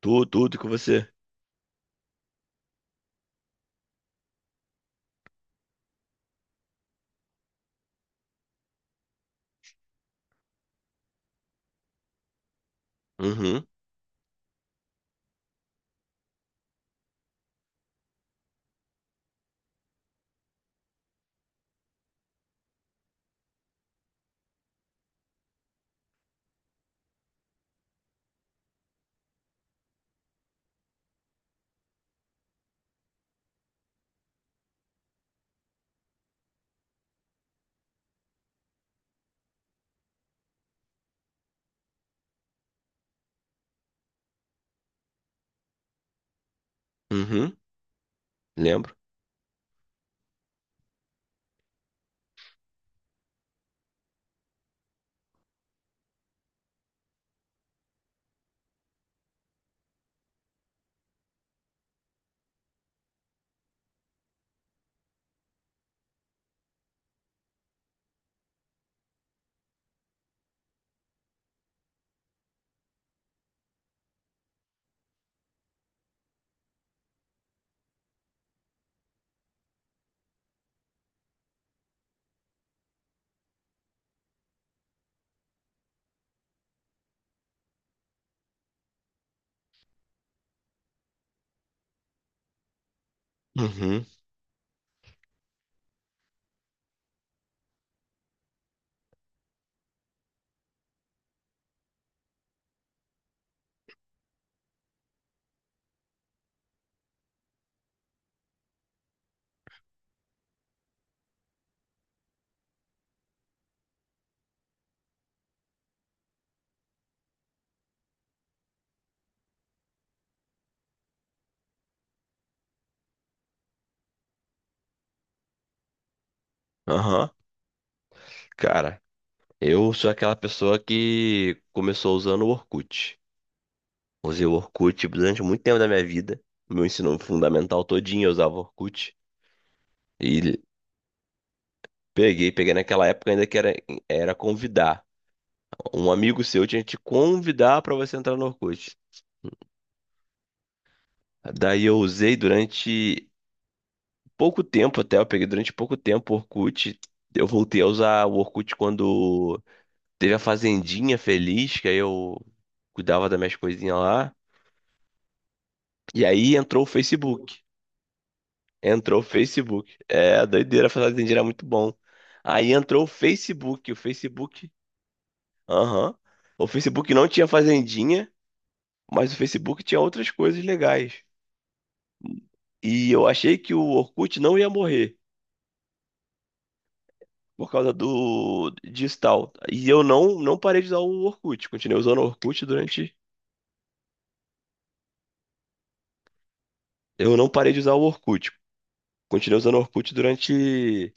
Tudo, tudo com você. Uhum, uhum, lembro. Uhum, aham. Cara, eu sou aquela pessoa que começou usando o Orkut. Usei o Orkut durante muito tempo da minha vida. Meu ensino fundamental todinho eu usava o Orkut. E peguei naquela época ainda era convidar. Um amigo seu tinha que te convidar pra você entrar no Orkut. Daí eu usei durante pouco tempo até, eu peguei durante pouco tempo o Orkut. Eu voltei a usar o Orkut quando teve a Fazendinha Feliz, que aí eu cuidava das minhas coisinhas lá. E aí entrou o Facebook. Entrou o Facebook. É, doideira, a Fazendinha era muito bom. Aí entrou o Facebook. O Facebook. Aham. O Facebook não tinha Fazendinha, mas o Facebook tinha outras coisas legais. E eu achei que o Orkut não ia morrer por causa do disso tal. E eu não parei de usar o Orkut. Continuei usando o Orkut durante. Eu não parei de usar o Orkut. Continuei usando o Orkut durante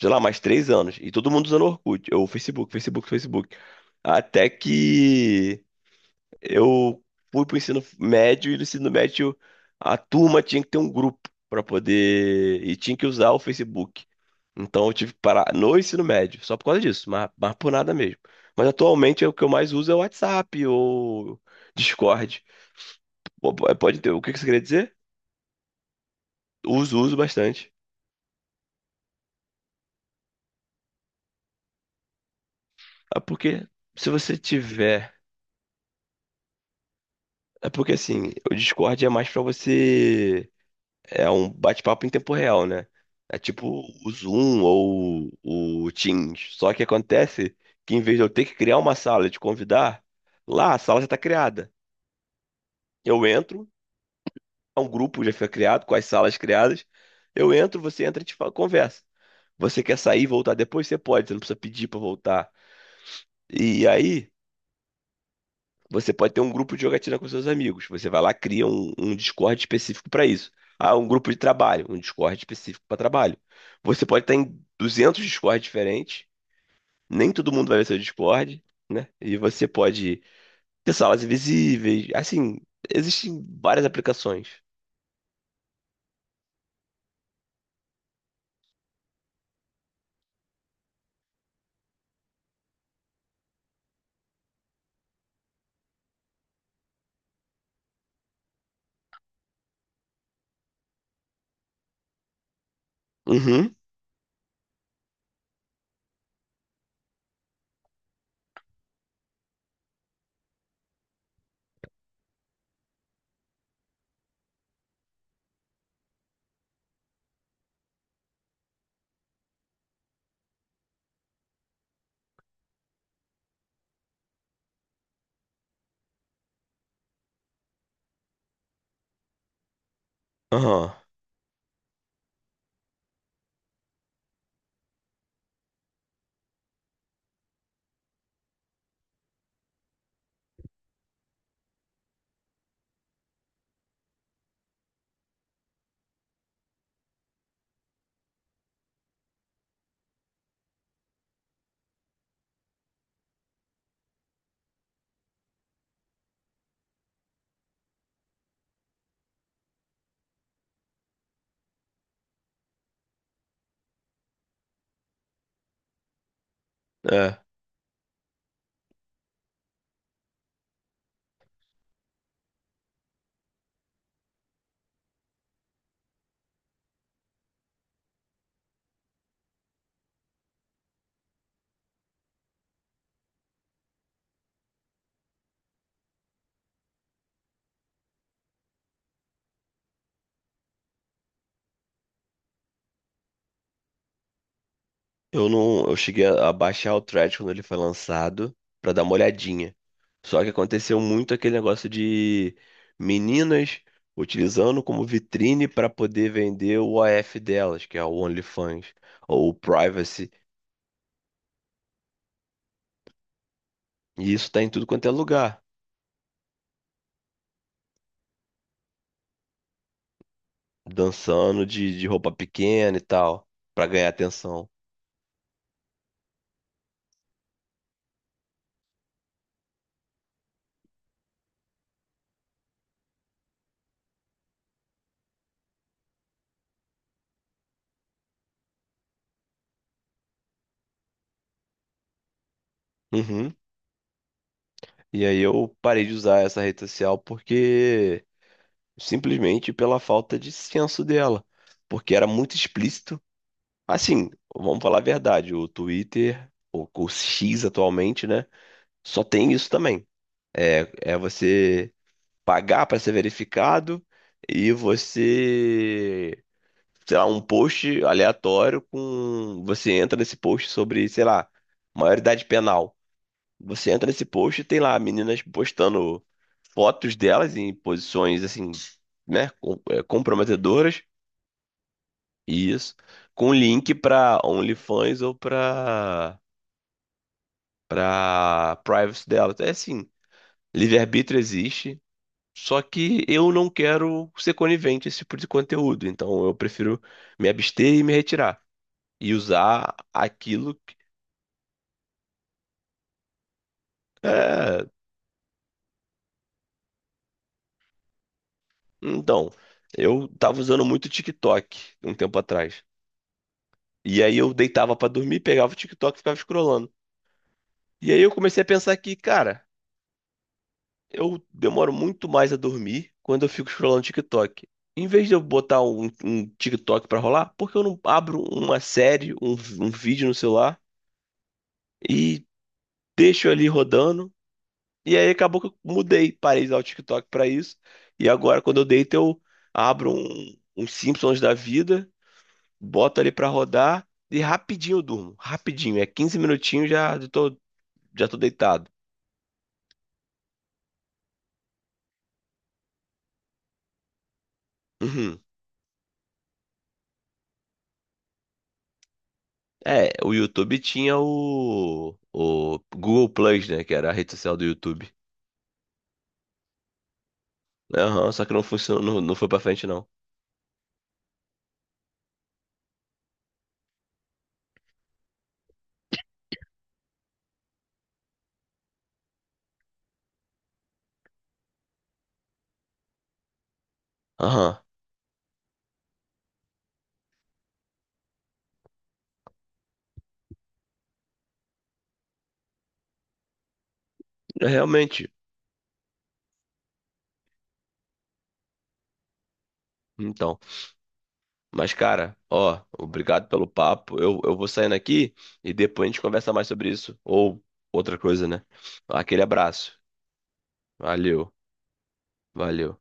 sei lá, mais 3 anos. E todo mundo usando Orkut, ou Facebook, Facebook, Facebook. Até que eu fui pro ensino médio e no ensino médio a turma tinha que ter um grupo para poder. E tinha que usar o Facebook. Então eu tive que parar no ensino médio, só por causa disso, mas, por nada mesmo. Mas atualmente o que eu mais uso é o WhatsApp ou Discord. Pô, pode ter, o que que você queria dizer? Uso, uso bastante. Ah, porque se você tiver é porque assim, o Discord é mais pra você. É um bate-papo em tempo real, né? É tipo o Zoom ou o Teams. Só que acontece que em vez de eu ter que criar uma sala e te convidar, lá a sala já tá criada. Eu entro, é um grupo já fica criado, com as salas criadas. Eu entro, você entra e a gente conversa. Você quer sair e voltar depois? Você pode, você não precisa pedir pra voltar. E aí. Você pode ter um grupo de jogatina com seus amigos. Você vai lá, cria um Discord específico para isso. Ah, um grupo de trabalho, um Discord específico para trabalho. Você pode estar em 200 Discords diferentes, nem todo mundo vai ver seu Discord, né? E você pode ter salas invisíveis, assim, existem várias aplicações. Uhum, aham, é. Eu não, eu cheguei a baixar o thread quando ele foi lançado pra dar uma olhadinha. Só que aconteceu muito aquele negócio de meninas utilizando como vitrine para poder vender o OF delas, que é o OnlyFans ou o Privacy. E isso tá em tudo quanto é lugar, dançando de roupa pequena e tal, pra ganhar atenção. Uhum. E aí eu parei de usar essa rede social porque simplesmente pela falta de senso dela, porque era muito explícito. Assim, vamos falar a verdade, o Twitter, o X atualmente, né? Só tem isso também. É é você pagar para ser verificado e você, sei lá, um post aleatório com. Você entra nesse post sobre, sei lá, maioridade penal. Você entra nesse post e tem lá meninas postando fotos delas em posições assim, né, é, comprometedoras. Isso. Com link para OnlyFans ou para privacy dela. É assim, livre-arbítrio existe, só que eu não quero ser conivente a esse tipo de conteúdo, então eu prefiro me abster e me retirar e usar aquilo. É, então, eu tava usando muito TikTok um tempo atrás. E aí eu deitava pra dormir, pegava o TikTok e ficava scrollando. E aí eu comecei a pensar que, cara, eu demoro muito mais a dormir quando eu fico scrollando TikTok. Em vez de eu botar um TikTok pra rolar, porque eu não abro uma série, um vídeo no celular e deixo ali rodando? E aí acabou que eu mudei, parei de usar o TikTok pra isso. E agora, quando eu deito, eu abro um Simpsons da vida, boto ali pra rodar e rapidinho eu durmo. Rapidinho, é 15 minutinhos já tô deitado. Uhum. É, o YouTube tinha o Google Plus, né? Que era a rede social do YouTube. Aham, só que não funcionou, não foi pra frente, não. Aham, é, realmente. Então, mas cara, ó, obrigado pelo papo. Eu vou saindo aqui e depois a gente conversa mais sobre isso. Ou outra coisa, né? Aquele abraço. Valeu, valeu.